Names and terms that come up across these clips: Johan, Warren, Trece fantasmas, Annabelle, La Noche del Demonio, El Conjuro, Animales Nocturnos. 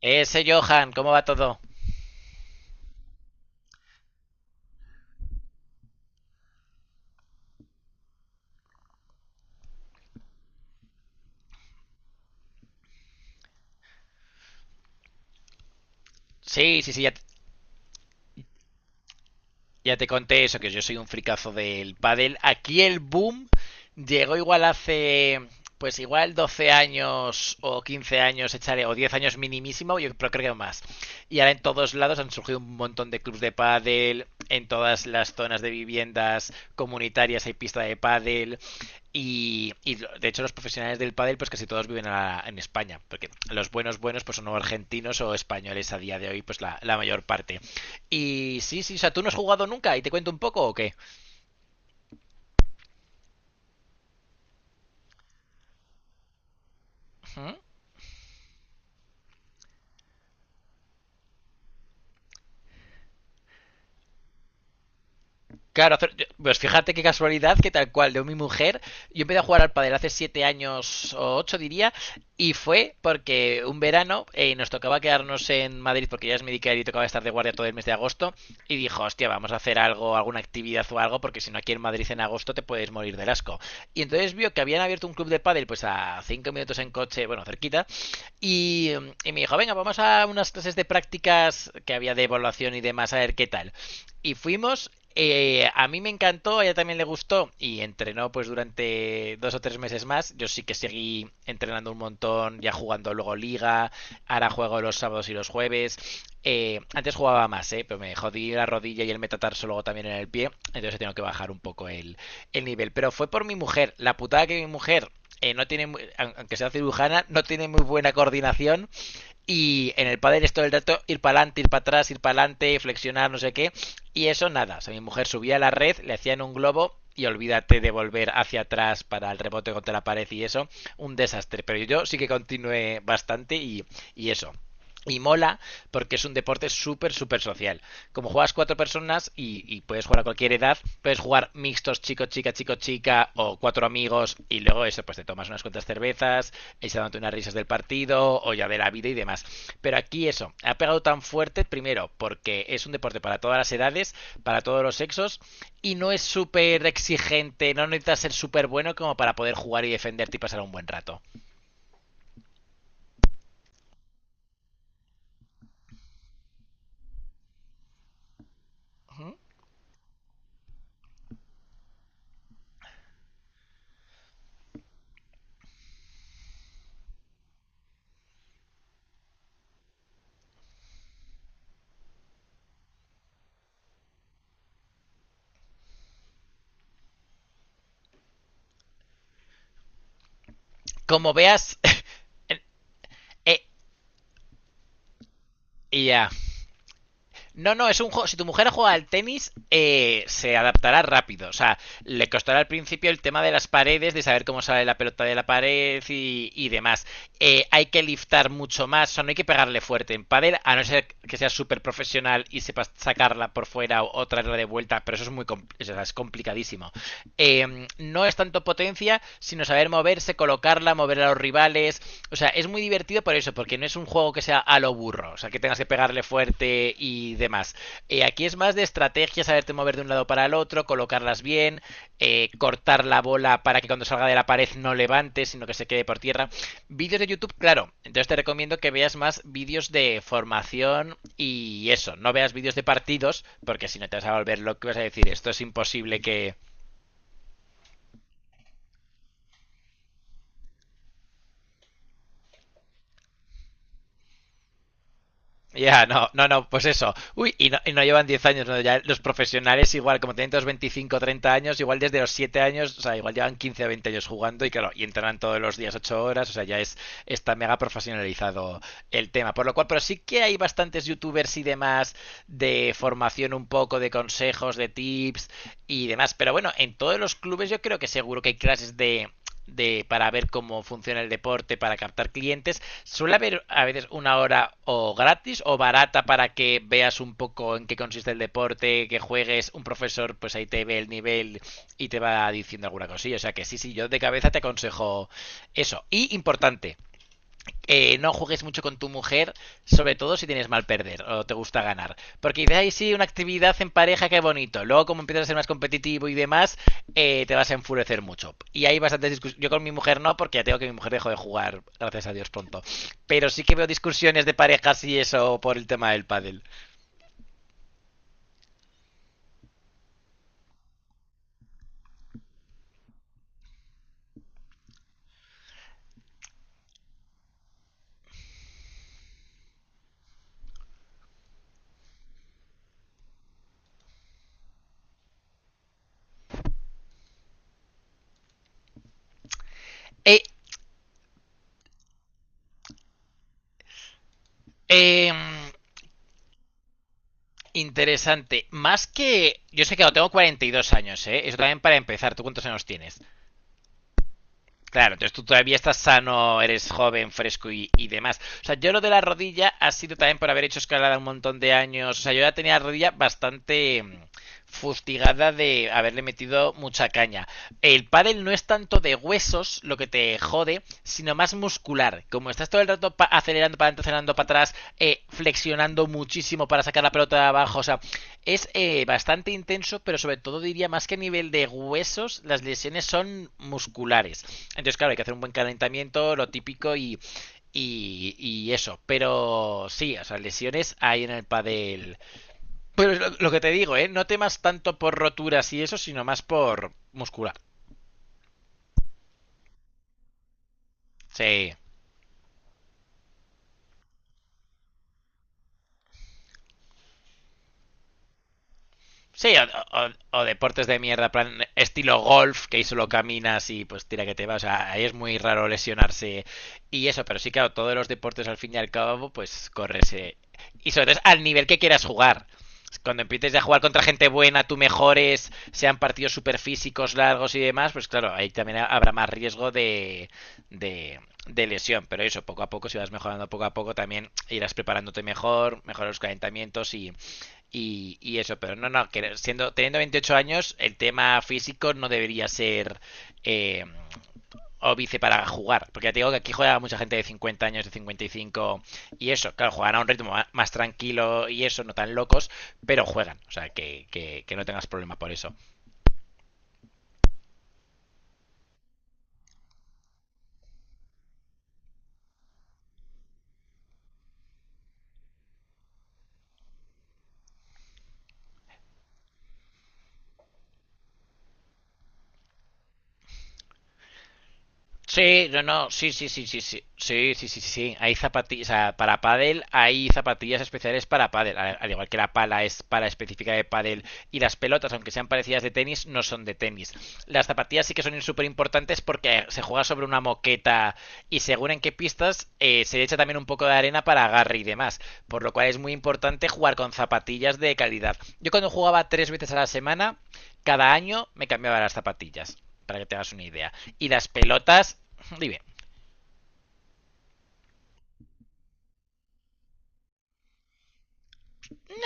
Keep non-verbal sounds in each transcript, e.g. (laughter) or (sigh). Ese Johan, ¿cómo va todo? Sí, sí, sí, ya. Ya te conté eso, que yo soy un fricazo del pádel. Aquí el boom llegó igual hace, pues igual 12 años o 15 años, echaré, o 10 años minimísimo, yo pero creo que más. Y ahora en todos lados han surgido un montón de clubs de pádel, en todas las zonas de viviendas comunitarias hay pista de pádel. Y de hecho los profesionales del pádel pues casi todos viven en España, porque los buenos buenos pues son argentinos o españoles a día de hoy, pues la mayor parte. Y sí, sí, o sea, ¿tú no has jugado nunca y te cuento un poco o qué? ¿Mm? Claro, pues fíjate qué casualidad que tal cual, de mi mujer, yo empecé a jugar al pádel hace 7 años u 8 diría, y fue porque un verano nos tocaba quedarnos en Madrid porque ella es médica y tocaba estar de guardia todo el mes de agosto, y dijo, hostia, vamos a hacer algo, alguna actividad o algo, porque si no aquí en Madrid en agosto te puedes morir del asco. Y entonces vio que habían abierto un club de pádel pues a 5 minutos en coche, bueno, cerquita, y, y me dijo, venga, vamos a unas clases de prácticas que había de evaluación y demás, a ver qué tal, y fuimos. A mí me encantó, a ella también le gustó y entrenó pues durante 2 o 3 meses más. Yo sí que seguí entrenando un montón, ya jugando luego liga, ahora juego los sábados y los jueves. Antes jugaba más, ¿eh? Pero me jodí la rodilla y el metatarso luego también en el pie, entonces tengo que bajar un poco el nivel. Pero fue por mi mujer. La putada, que mi mujer no tiene, aunque sea cirujana, no tiene muy buena coordinación, y en el pádel es todo el rato ir para adelante, ir para atrás, ir para adelante, flexionar, no sé qué. Y eso nada. O sea, mi mujer subía a la red, le hacían un globo y olvídate de volver hacia atrás para el rebote contra la pared y eso. Un desastre. Pero yo sí que continué bastante, y eso. Y mola, porque es un deporte súper, súper social. Como juegas cuatro personas y puedes jugar a cualquier edad, puedes jugar mixtos chico, chica, chico, chica, o cuatro amigos, y luego eso, pues te tomas unas cuantas cervezas, y se dando unas risas del partido o ya de la vida y demás. Pero aquí eso, ha pegado tan fuerte, primero, porque es un deporte para todas las edades, para todos los sexos, y no es súper exigente, no necesitas ser súper bueno como para poder jugar y defenderte y pasar un buen rato. Como veas... (laughs) eh, eh, y ya. No, no, es un juego. Si tu mujer juega al tenis, se adaptará rápido. O sea, le costará al principio el tema de las paredes, de saber cómo sale la pelota de la pared y demás. Hay que liftar mucho más, o sea, no hay que pegarle fuerte en padel, a no ser que sea súper profesional y sepas sacarla por fuera o traerla de vuelta, pero eso es muy compl eso es complicadísimo. No es tanto potencia, sino saber moverse, colocarla, mover a los rivales, o sea, es muy divertido por eso, porque no es un juego que sea a lo burro, o sea, que tengas que pegarle fuerte y demás. Aquí es más de estrategia, saberte mover de un lado para el otro, colocarlas bien, cortar la bola para que cuando salga de la pared no levante, sino que se quede por tierra. Vídeos de YouTube, claro. Entonces te recomiendo que veas más vídeos de formación y eso. No veas vídeos de partidos, porque si no te vas a volver lo que vas a decir. Esto es imposible que... Ya, no, no, no, pues eso. Uy, y no, llevan 10 años, ¿no? Ya los profesionales igual, como tienen todos 25, 30 años, igual desde los 7 años, o sea, igual llevan 15 a 20 años jugando, y claro, y entrenan todos los días 8 horas, o sea, ya es, está mega profesionalizado el tema. Por lo cual, pero sí que hay bastantes youtubers y demás de formación un poco, de consejos, de tips y demás. Pero bueno, en todos los clubes yo creo que seguro que hay clases de para ver cómo funciona el deporte, para captar clientes. Suele haber a veces una hora o gratis o barata para que veas un poco en qué consiste el deporte, que juegues, un profesor pues ahí te ve el nivel y te va diciendo alguna cosilla. O sea que sí, sí, yo de cabeza te aconsejo eso. Y importante, no juegues mucho con tu mujer, sobre todo si tienes mal perder o te gusta ganar. Porque dices, ay, sí, una actividad en pareja, qué bonito. Luego, como empiezas a ser más competitivo y demás, te vas a enfurecer mucho. Y hay bastantes discusiones. Yo con mi mujer no, porque ya tengo que mi mujer dejó de jugar, gracias a Dios, pronto. Pero sí que veo discusiones de parejas y eso por el tema del pádel. Eh, eh, interesante. Más que... Yo sé que no, tengo 42 años, ¿eh? Eso también para empezar. ¿Tú cuántos años tienes? Claro, entonces tú todavía estás sano, eres joven, fresco y demás. O sea, yo lo de la rodilla ha sido también por haber hecho escalada un montón de años. O sea, yo ya tenía la rodilla bastante fustigada de haberle metido mucha caña. El pádel no es tanto de huesos lo que te jode, sino más muscular. Como estás todo el rato acelerando para adelante, acelerando para atrás, flexionando muchísimo para sacar la pelota de abajo. O sea, es bastante intenso, pero sobre todo diría, más que a nivel de huesos, las lesiones son musculares. Entonces, claro, hay que hacer un buen calentamiento, lo típico y eso. Pero sí, o sea, lesiones hay en el pádel. Pero lo que te digo, ¿eh? No temas tanto por roturas y eso, sino más por muscular. Sí. Sí. O, o- o deportes de mierda, plan estilo golf, que ahí solo caminas y pues tira que te va. O sea, ahí es muy raro lesionarse y eso, pero sí, claro, todos los deportes al fin y al cabo, pues corres. Y sobre todo es al nivel que quieras jugar. Cuando empieces a jugar contra gente buena, tú mejores, sean partidos super físicos, largos y demás, pues claro, ahí también habrá más riesgo de, de lesión. Pero eso, poco a poco, si vas mejorando poco a poco, también irás preparándote mejor, mejorar los calentamientos y eso, pero no, no, que siendo, teniendo 28 años, el tema físico no debería ser eh, óbice para jugar. Porque ya te digo que aquí juega mucha gente de 50 años, de 55 y cinco, y eso. Claro, juegan a un ritmo más, más tranquilo y eso, no tan locos, pero juegan. O sea, que no tengas problema por eso. Sí, no, no, sí, sí, sí, sí, sí, sí, sí, sí, sí. Hay zapatillas, o sea, para pádel hay zapatillas especiales para pádel, al igual que la pala es para específica de pádel, y las pelotas, aunque sean parecidas de tenis, no son de tenis. Las zapatillas sí que son súper importantes porque se juega sobre una moqueta, y según en qué pistas se le echa también un poco de arena para agarre y demás, por lo cual es muy importante jugar con zapatillas de calidad. Yo cuando jugaba tres veces a la semana, cada año me cambiaba las zapatillas, para que te hagas una idea. Y las pelotas, dime.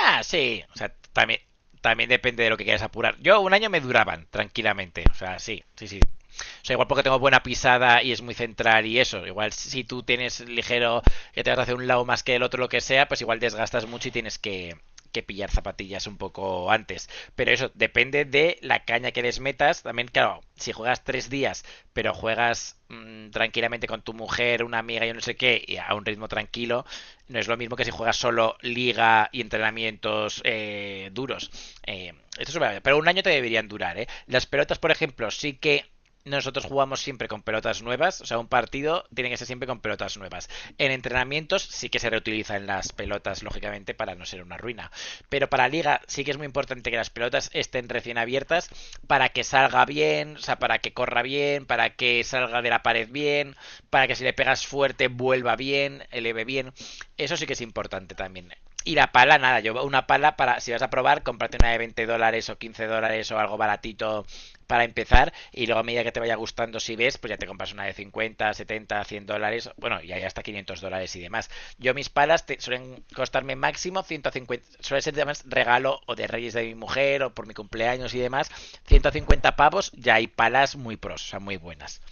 Ah, sí. O sea, también, también depende de lo que quieras apurar. Yo un año me duraban, tranquilamente. O sea, sí, sí, sí. O sea, igual porque tengo buena pisada y es muy central y eso. Igual si tú tienes ligero, que te vas hacia un lado más que el otro, lo que sea, pues igual desgastas mucho y tienes que pillar zapatillas un poco antes. Pero eso depende de la caña que les metas. También, claro, si juegas tres días, pero juegas tranquilamente con tu mujer, una amiga, yo no sé qué, y a un ritmo tranquilo, no es lo mismo que si juegas solo liga y entrenamientos duros. Esto es una... Pero un año te deberían durar, ¿eh? Las pelotas, por ejemplo, sí que nosotros jugamos siempre con pelotas nuevas, o sea, un partido tiene que ser siempre con pelotas nuevas. En entrenamientos sí que se reutilizan las pelotas, lógicamente, para no ser una ruina. Pero para liga sí que es muy importante que las pelotas estén recién abiertas, para que salga bien, o sea, para que corra bien, para que salga de la pared bien, para que si le pegas fuerte vuelva bien, eleve bien. Eso sí que es importante también. Y la pala, nada, yo una pala para, si vas a probar, comprarte una de $20 o $15 o algo baratito para empezar, y luego a medida que te vaya gustando, si ves, pues ya te compras una de 50, 70, $100. Bueno, y hay hasta $500 y demás. Yo mis palas suelen costarme máximo 150, suele ser además regalo o de reyes de mi mujer o por mi cumpleaños y demás. 150 pavos, ya hay palas muy pros, o sea muy buenas.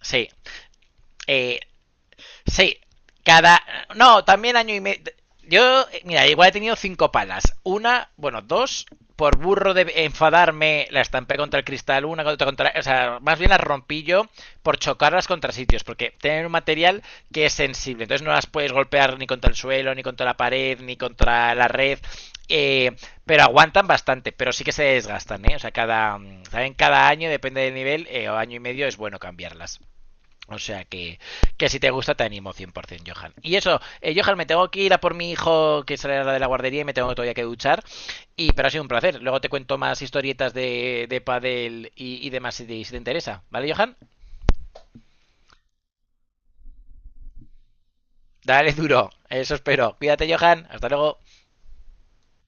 Sí. eh, Sí, cada... No, también año y medio. Yo, mira, igual he tenido cinco palas. Una, bueno, dos, por burro de enfadarme, la estampé contra el cristal, una contra, contra o sea, más bien las rompí yo por chocarlas contra sitios, porque tienen un material que es sensible, entonces no las puedes golpear ni contra el suelo, ni contra la pared, ni contra la red. eh, pero aguantan bastante, pero sí que se desgastan, ¿eh? O sea, cada, ¿saben? Cada año, depende del nivel, o año y medio es bueno cambiarlas. O sea que si te gusta te animo 100%, Johan. Y eso, Johan, me tengo que ir a por mi hijo que sale de la guardería y me tengo todavía que duchar. Y, pero ha sido un placer. Luego te cuento más historietas de pádel y demás, si te, si te interesa. ¿Vale, Johan? Dale duro. Eso espero. Cuídate, Johan. Hasta luego.